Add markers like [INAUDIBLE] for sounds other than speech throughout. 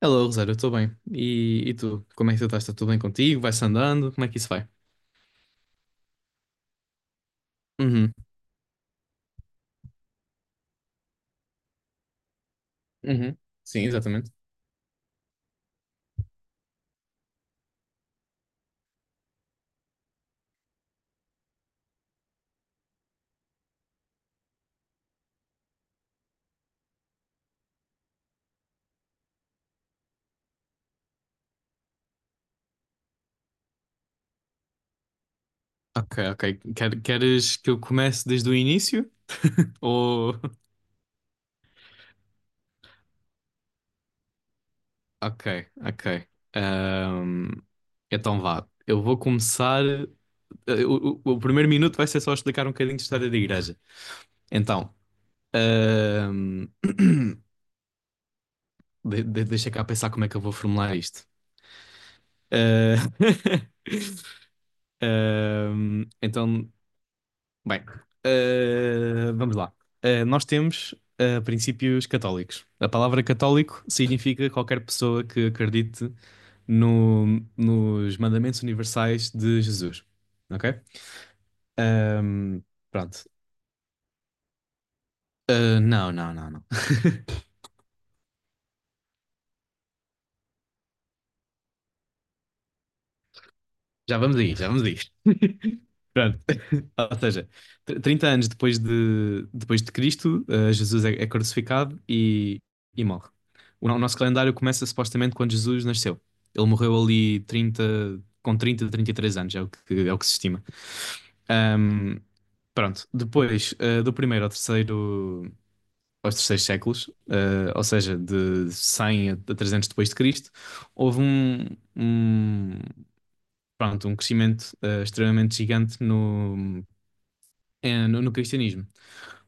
Hello, Rosário, eu estou bem. E tu? Como é que tu estás? Está tudo bem contigo? Vai-se andando? Como é que isso vai? Uhum. Uhum. Sim, exatamente. Ok, ok. Queres que eu comece desde o início? [LAUGHS] Ou. Ok, ok. Ahm, Então vá. Eu vou começar. O primeiro minuto vai ser só explicar um bocadinho de história da igreja. Então. ahm, [CLEARS THROAT] deixa cá pensar como é que eu vou formular isto. Eh, [LAUGHS] então, bem, vamos lá. Nós temos princípios católicos. A palavra católico significa qualquer pessoa que acredite nos mandamentos universais de Jesus. Ok? Ahm, pronto. Não, não, não, não. [LAUGHS] Já vamos aí, já vamos aí. [LAUGHS] Pronto. [LAUGHS] Ou seja, 30 anos depois depois de Cristo, Jesus é crucificado e morre. O, no- O nosso calendário começa supostamente quando Jesus nasceu. Ele morreu ali 30 com trinta e três anos, é o que se estima. Ahm, pronto. Depois, do primeiro ao terceiro, aos terceiros séculos, ou seja, de 100 a 300 depois de Cristo, houve um, um- pronto, um crescimento extremamente gigante no, no cristianismo.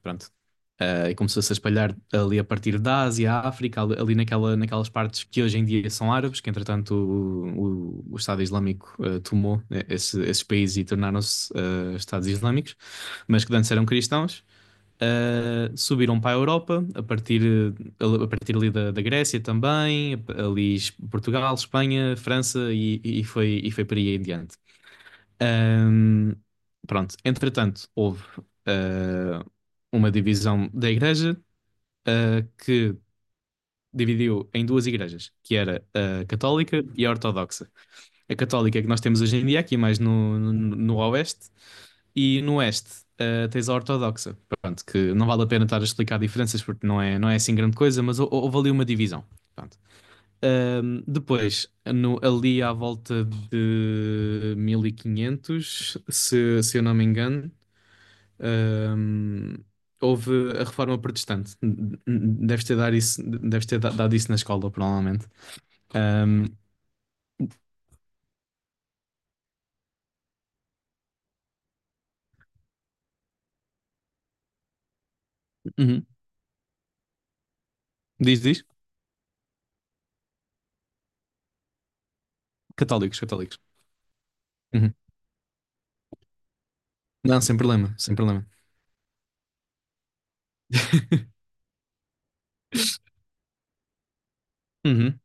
Pronto. E começou-se a espalhar ali a partir da Ásia, África, ali, ali naquela, naquelas partes que hoje em dia são árabes, que entretanto o Estado Islâmico tomou esses países e tornaram-se Estados Islâmicos, mas que antes eram cristãos. Subiram para a Europa a partir ali da Grécia também, Portugal, Espanha, França e foi por aí em diante. Ahm, pronto, entretanto, houve ah, uma divisão da igreja que dividiu em duas igrejas, que era a católica e a ortodoxa. A católica que nós temos hoje em dia, aqui mais no, no oeste, e no oeste tens a ortodoxa. Pronto, que não vale a pena estar a explicar diferenças porque não é, não é assim grande coisa, mas houve ali uma divisão. Pronto. Depois, ali à volta de 1500 se, se eu não me engano, ahm, houve a reforma protestante. Deves ter dado isso, deves ter dado isso na escola, provavelmente. Ahm, uhum. Diz, diz? Católicos, católicos. Uhum. Não, sem problema, sem problema. [LAUGHS] Uhum,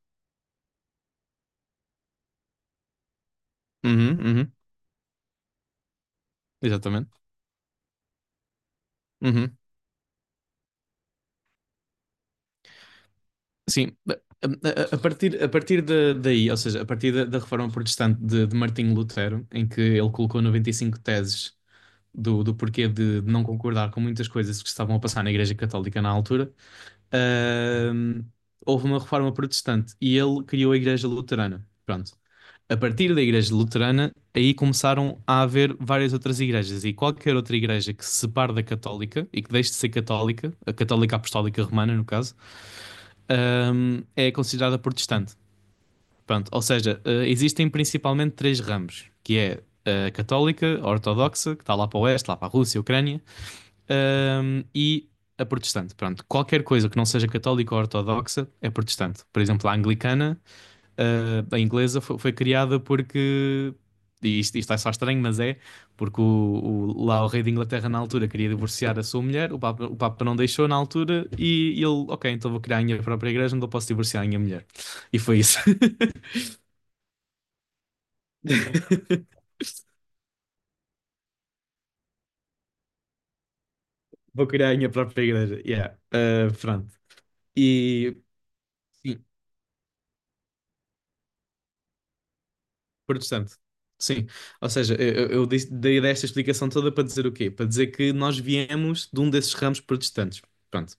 uhum, uhum. Exatamente. Uhum. Sim, a, a partir daí, ou seja, a partir da, da reforma protestante de Martinho Lutero, em que ele colocou 95 teses do, do porquê de não concordar com muitas coisas que estavam a passar na Igreja Católica na altura, ahm, houve uma reforma protestante e ele criou a Igreja Luterana. Pronto. A partir da Igreja Luterana, aí começaram a haver várias outras igrejas e qualquer outra igreja que se separe da católica e que deixe de ser católica, a católica apostólica romana, no caso é considerada protestante. Pronto, ou seja, existem principalmente três ramos, que é a católica, a ortodoxa, que está lá para o oeste, lá para a Rússia, a Ucrânia, e a protestante. Pronto, qualquer coisa que não seja católica ou ortodoxa é protestante. Por exemplo, a anglicana a inglesa foi, foi criada porque. E isto é só estranho, mas é porque lá o rei de Inglaterra na altura queria divorciar a sua mulher, o Papa não deixou na altura e ele, ok, então vou criar a minha própria igreja onde eu posso divorciar a minha mulher. E foi isso. [LAUGHS] Vou criar a minha própria igreja. Yeah. Ah, pronto. E sim, protestante. Sim. Ou seja, eu, eu dei desta explicação toda para dizer o quê? Para dizer que nós viemos de um desses ramos protestantes. Pronto.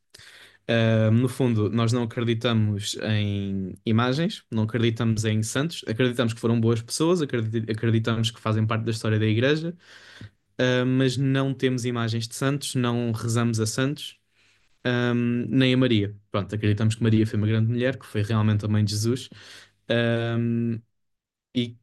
No fundo, nós não acreditamos em imagens, não acreditamos em santos, acreditamos que foram boas pessoas, acreditamos que fazem parte da história da Igreja, mas não temos imagens de santos, não rezamos a santos, nem a Maria. Pronto, acreditamos que Maria foi uma grande mulher, que foi realmente a mãe de Jesus, um, e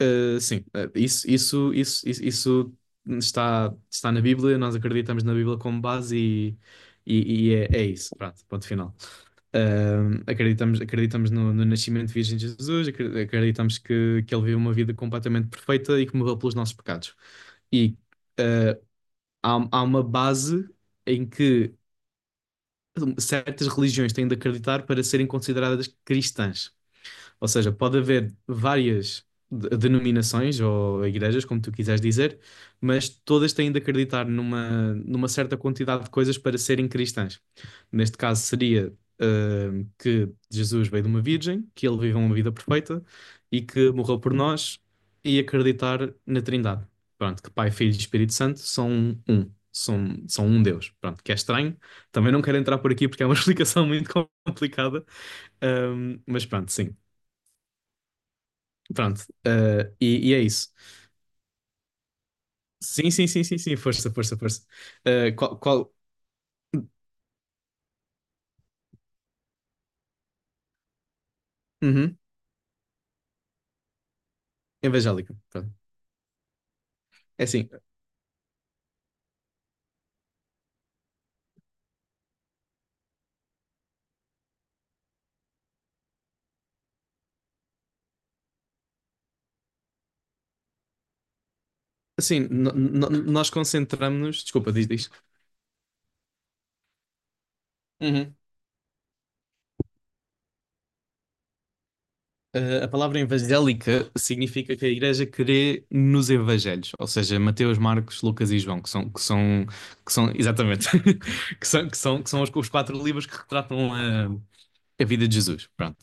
sim, isso, isso, isso, isso, isso está, está na Bíblia, nós acreditamos na Bíblia como base e é, é isso, pronto, ponto final. Acreditamos, acreditamos no, no nascimento virgem de Jesus, acreditamos que ele viveu uma vida completamente perfeita e que morreu pelos nossos pecados. E uh, Há, há uma base em que certas religiões têm de acreditar para serem consideradas cristãs. Ou seja, pode haver várias denominações ou igrejas, como tu quiseres dizer, mas todas têm de acreditar numa, numa certa quantidade de coisas para serem cristãs. Neste caso, seria, que Jesus veio de uma virgem, que ele viveu uma vida perfeita e que morreu por nós e acreditar na Trindade. Pronto, que Pai, Filho e Espírito Santo são um. São, são um Deus. Pronto, que é estranho. Também não quero entrar por aqui porque é uma [LAUGHS] explicação muito complicada. Mas pronto, sim. Pronto, e é isso. Sim, sim, sim, sim, sim, força, força, força. Qual, qual... Uhum, evangélica, pronto. É assim, assim, nós concentramos-nos, desculpa, diz, diz. Uhum. A palavra evangélica significa que a igreja crê nos evangelhos, ou seja, Mateus, Marcos, Lucas e João, que são, que são, que são, exatamente, [LAUGHS] que são, que são, que são os quatro livros que retratam a vida de Jesus, pronto.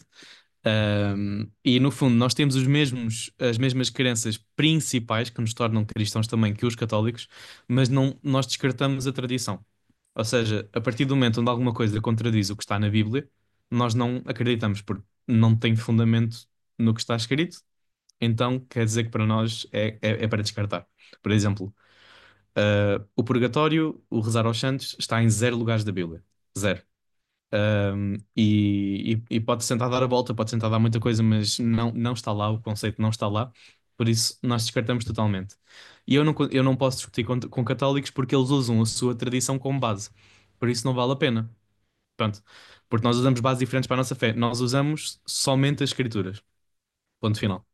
E no fundo, nós temos os mesmos, as mesmas crenças principais que nos tornam cristãos também que os católicos, mas não, nós descartamos a tradição. Ou seja, a partir do momento onde alguma coisa contradiz o que está na Bíblia, nós não acreditamos porque não tem fundamento no que está escrito, então quer dizer que para nós é, é, é para descartar. Por exemplo, o purgatório, o rezar aos santos, está em zero lugares da Bíblia. Zero. E pode tentar dar a volta, pode tentar dar muita coisa, mas não, não está lá, o conceito não está lá, por isso nós descartamos totalmente. E eu não, eu não posso discutir com católicos porque eles usam a sua tradição como base, por isso não vale a pena. Pronto, porque nós usamos bases diferentes para a nossa fé, nós usamos somente as escrituras. Ponto final.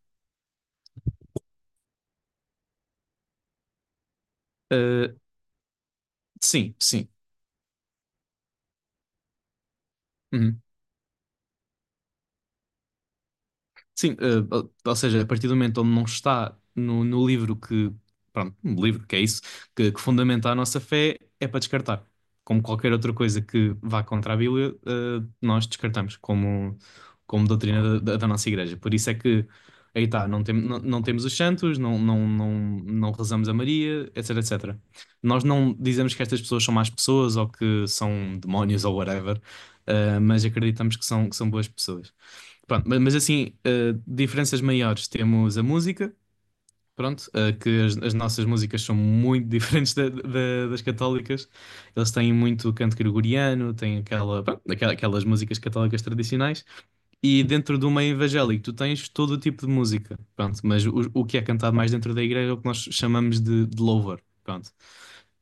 Uh, sim, sim. Uhum. Sim, ou seja, a partir do momento onde não está no, no livro que, pronto, no livro que é isso, que fundamenta a nossa fé, é para descartar. Como qualquer outra coisa que vá contra a Bíblia, nós descartamos como, como doutrina da, da nossa igreja. Por isso é que, aí está, não, tem, não, não temos os santos, não, não, não, não rezamos a Maria, etc, etc. Nós não dizemos que estas pessoas são más pessoas ou que são demónios ou whatever, mas acreditamos que são boas pessoas. Pronto, mas assim, diferenças maiores temos a música, pronto, que as nossas músicas são muito [LAUGHS] diferentes das católicas. Eles têm muito canto gregoriano, têm aquela, pronto, aquelas músicas católicas tradicionais. E dentro do meio evangélico, tu tens todo o tipo de música, pronto, mas o que é cantado mais dentro da igreja é o que nós chamamos de louvor, pronto.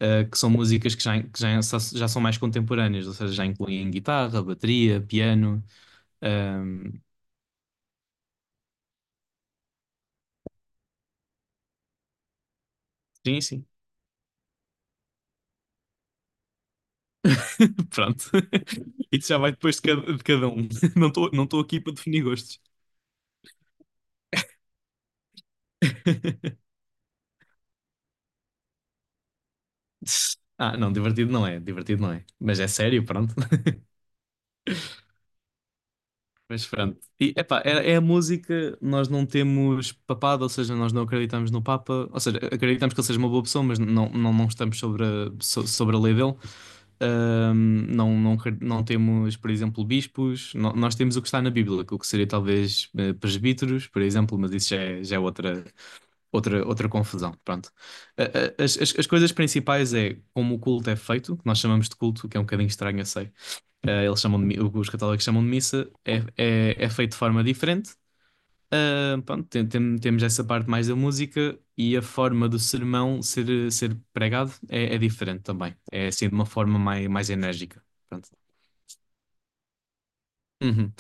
Que são músicas que já, já são mais contemporâneas, ou seja, já incluem guitarra, bateria, piano. ahm, sim, sim. [LAUGHS] Pronto. [LAUGHS] Isso já vai depois de cada um. [LAUGHS] Não estou não estou aqui para definir gostos. [LAUGHS] Ah, não, divertido não é, divertido não é. Mas é sério, pronto. [LAUGHS] Mas pronto. E epá, é, é a música, nós não temos papado, ou seja, nós não acreditamos no Papa, ou seja, acreditamos que ele seja uma boa pessoa, mas não, não, não estamos sobre a, sobre a lei dele. Não, não, não temos, por exemplo, bispos. Nós temos o que está na Bíblia, o que seria talvez presbíteros, por exemplo, mas isso já é outra, outra, outra confusão, pronto. As, as, as coisas principais é como o culto é feito, que nós chamamos de culto, que é um bocadinho estranho, eu sei. Eles chamam de, os católicos chamam de missa, é, é, é feito de forma diferente. Ah, pronto, temos essa parte mais da música e a forma do sermão ser, ser pregado é, é diferente também. É assim de uma forma mais, mais enérgica. Pronto. Uhum.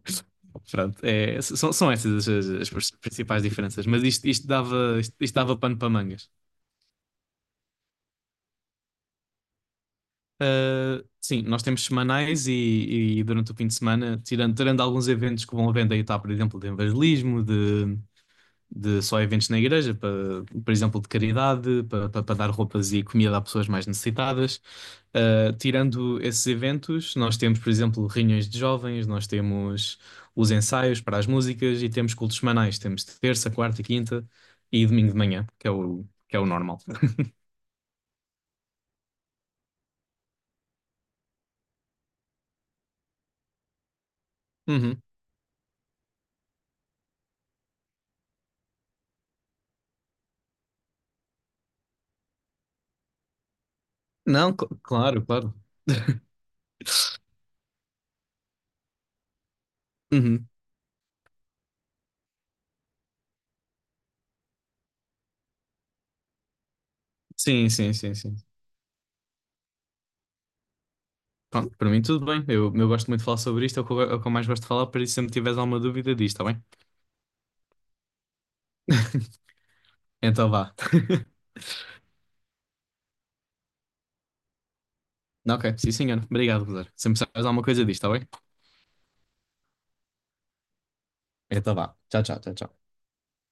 [LAUGHS] Pronto, é, são, são essas as, as principais diferenças, mas isto, isto dava pano para mangas. Sim, nós temos semanais e durante o fim de semana, tirando, tirando alguns eventos que vão havendo aí, tá, por exemplo, de evangelismo, de só eventos na igreja, por exemplo, de caridade, para dar roupas e comida a pessoas mais necessitadas. Tirando esses eventos, nós temos, por exemplo, reuniões de jovens, nós temos os ensaios para as músicas e temos cultos semanais, temos de terça, quarta e quinta e domingo de manhã, que é o normal. [LAUGHS] Uhum. Não, claro, claro. Uhum. Sim, sim, sim, sim. Pronto, para mim tudo bem. Eu gosto muito de falar sobre isto, é o que eu, é o que eu mais gosto de falar, por isso se sempre tiveres alguma dúvida diz, está bem? Então vá. [LAUGHS] Ok, sim senhor. Obrigado, Rosário. Sempre sabes alguma coisa disto, está bem? Então vá. Tchau, tchau, tchau, tchau.